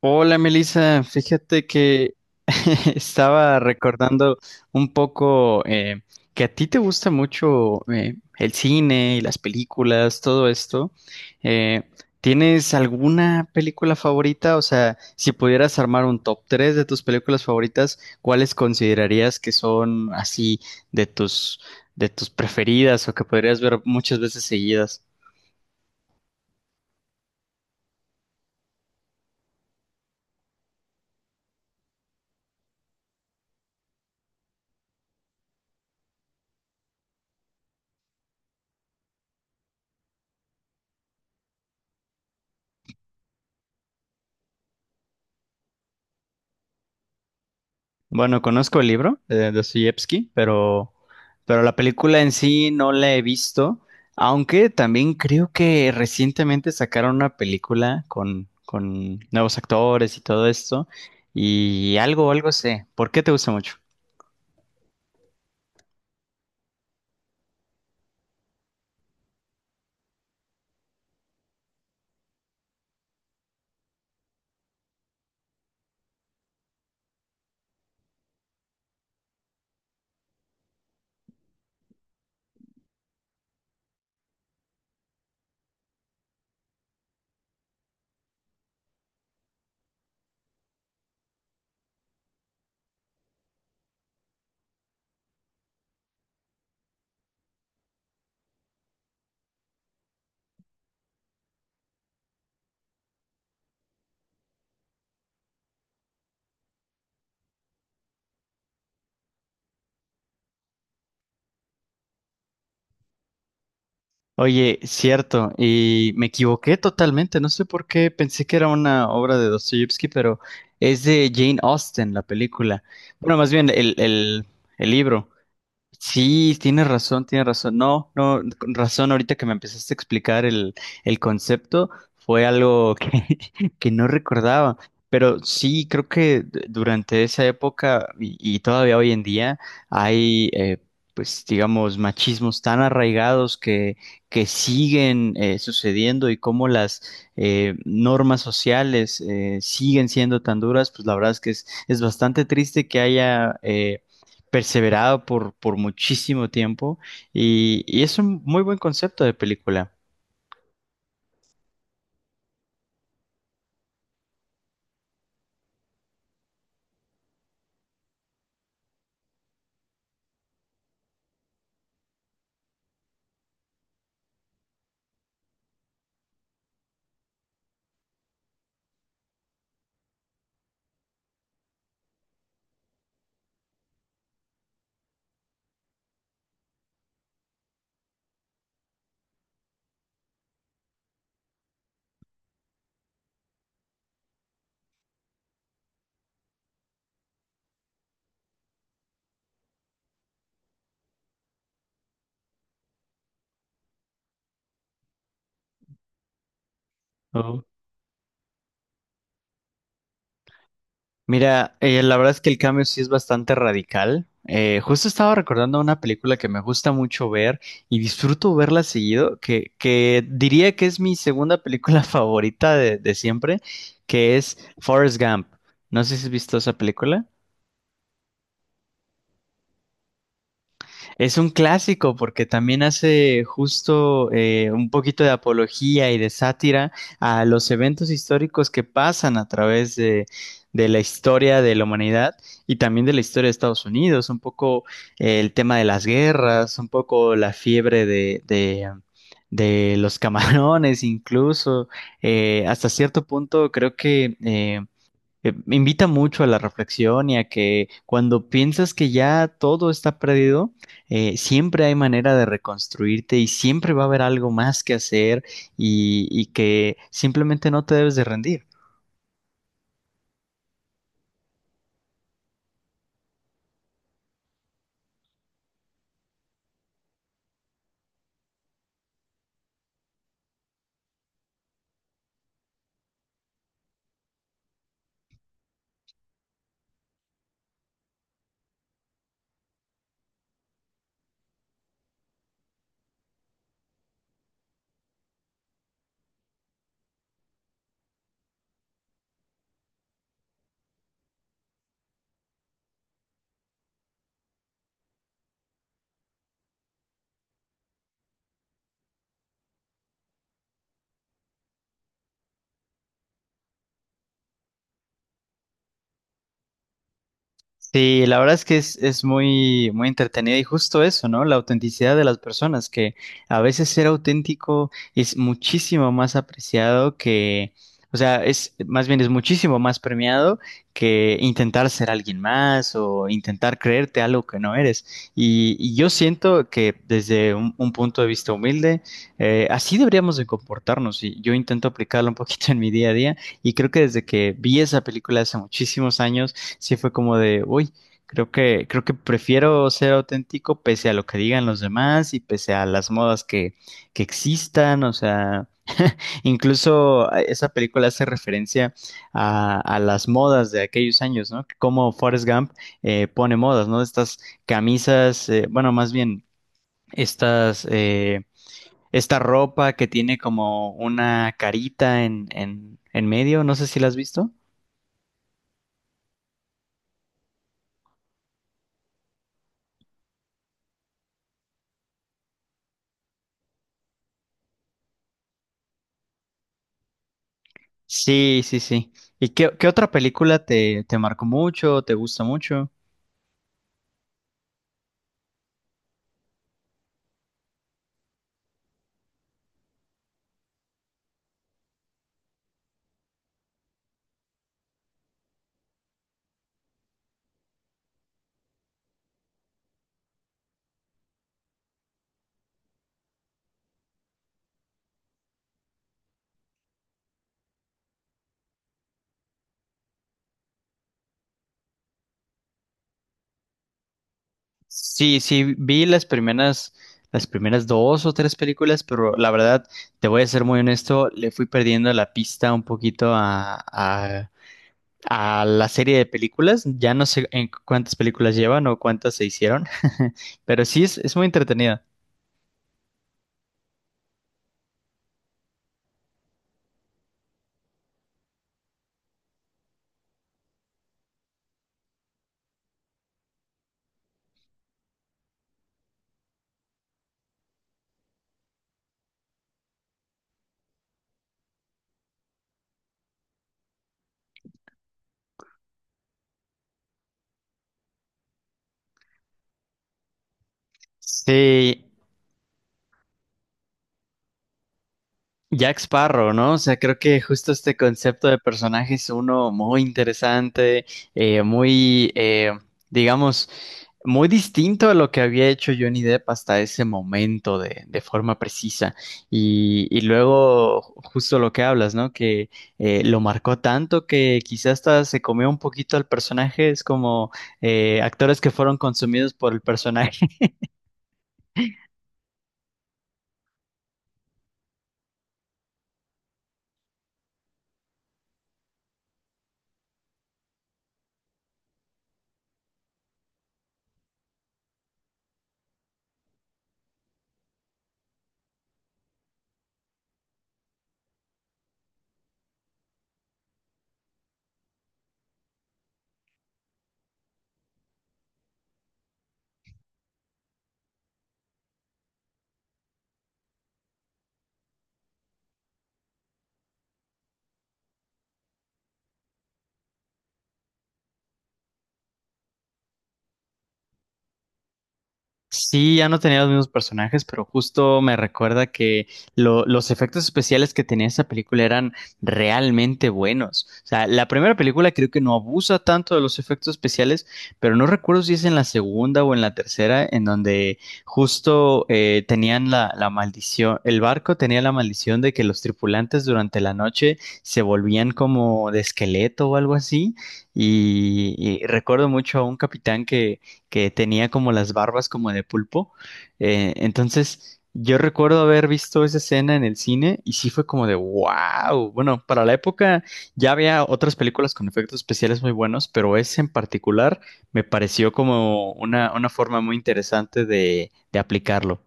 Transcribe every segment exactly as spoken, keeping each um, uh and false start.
Hola Melissa, fíjate que estaba recordando un poco eh, que a ti te gusta mucho eh, el cine y las películas, todo esto. Eh, ¿Tienes alguna película favorita? O sea, si pudieras armar un top tres de tus películas favoritas, ¿cuáles considerarías que son así de tus, de tus preferidas o que podrías ver muchas veces seguidas? Bueno, conozco el libro eh, de Dostoyevsky, pero, pero la película en sí no la he visto, aunque también creo que recientemente sacaron una película con, con nuevos actores y todo esto, y algo, algo sé. ¿Por qué te gusta mucho? Oye, cierto, y me equivoqué totalmente, no sé por qué pensé que era una obra de Dostoyevsky, pero es de Jane Austen la película. Bueno, más bien el, el, el libro. Sí, tienes razón, tienes razón. No, no, con razón, ahorita que me empezaste a explicar el, el concepto, fue algo que, que no recordaba. Pero sí, creo que d- durante esa época y, y todavía hoy en día hay, eh, pues, digamos, machismos tan arraigados que, que siguen eh, sucediendo y cómo las eh, normas sociales eh, siguen siendo tan duras, pues la verdad es que es, es bastante triste que haya... eh, perseverado por, por muchísimo tiempo y, y es un muy buen concepto de película. Oh. Mira, eh, la verdad es que el cambio sí es bastante radical. Eh, justo estaba recordando una película que me gusta mucho ver y disfruto verla seguido, que, que diría que es mi segunda película favorita de, de siempre, que es Forrest Gump. No sé si has visto esa película. Es un clásico porque también hace justo eh, un poquito de apología y de sátira a los eventos históricos que pasan a través de, de la historia de la humanidad y también de la historia de Estados Unidos, un poco eh, el tema de las guerras, un poco la fiebre de, de, de los camarones incluso. Eh, hasta cierto punto creo que eh, eh, me invita mucho a la reflexión y a que cuando piensas que ya todo está perdido, eh, siempre hay manera de reconstruirte y siempre va a haber algo más que hacer y, y que simplemente no te debes de rendir. Sí, la verdad es que es, es muy, muy entretenida y justo eso, ¿no? La autenticidad de las personas, que a veces ser auténtico es muchísimo más apreciado que, o sea, es, más bien es muchísimo más premiado que intentar ser alguien más o intentar creerte algo que no eres. Y, y yo siento que desde un, un punto de vista humilde, eh, así deberíamos de comportarnos y yo intento aplicarlo un poquito en mi día a día y creo que desde que vi esa película hace muchísimos años, sí fue como de, uy, creo que, creo que prefiero ser auténtico pese a lo que digan los demás y pese a las modas que, que existan, o sea, incluso eh, esa película hace referencia a, a las modas de aquellos años, ¿no? Como Forrest Gump eh, pone modas, ¿no? Estas camisas, eh, bueno, más bien, estas, eh, esta ropa que tiene como una carita en, en, en medio, no sé si la has visto. Sí, sí, sí. ¿Y qué, qué otra película te, te marcó mucho, te gusta mucho? Sí, sí, vi las primeras, las primeras dos o tres películas, pero la verdad, te voy a ser muy honesto, le fui perdiendo la pista un poquito a, a, a la serie de películas. Ya no sé en cuántas películas llevan o cuántas se hicieron, pero sí es, es muy entretenida. Sí, Jack Sparrow, ¿no? O sea, creo que justo este concepto de personaje es uno muy interesante, eh, muy, eh, digamos, muy distinto a lo que había hecho Johnny Depp hasta ese momento de, de forma precisa. Y, y luego, justo lo que hablas, ¿no? Que eh, lo marcó tanto que quizás hasta se comió un poquito al personaje, es como eh, actores que fueron consumidos por el personaje. Sí, ya no tenía los mismos personajes, pero justo me recuerda que lo- los efectos especiales que tenía esa película eran realmente buenos. O sea, la primera película creo que no abusa tanto de los efectos especiales, pero no recuerdo si es en la segunda o en la tercera, en donde justo eh, tenían la, la maldición, el barco tenía la maldición de que los tripulantes durante la noche se volvían como de esqueleto o algo así. Y y recuerdo mucho a un capitán que que tenía como las barbas como de pulpo. Eh, entonces, yo recuerdo haber visto esa escena en el cine y sí fue como de wow. Bueno, para la época ya había otras películas con efectos especiales muy buenos, pero ese en particular me pareció como una, una forma muy interesante de, de aplicarlo.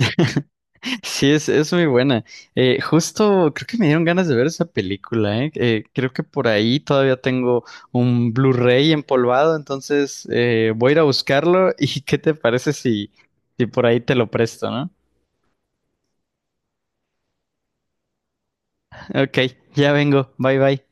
Sí, es, es muy buena. Eh, justo creo que me dieron ganas de ver esa película, ¿eh? Eh, creo que por ahí todavía tengo un Blu-ray empolvado, entonces eh, voy a ir a buscarlo y ¿qué te parece si, si por ahí te lo presto, ¿no? Ok, ya vengo. Bye bye.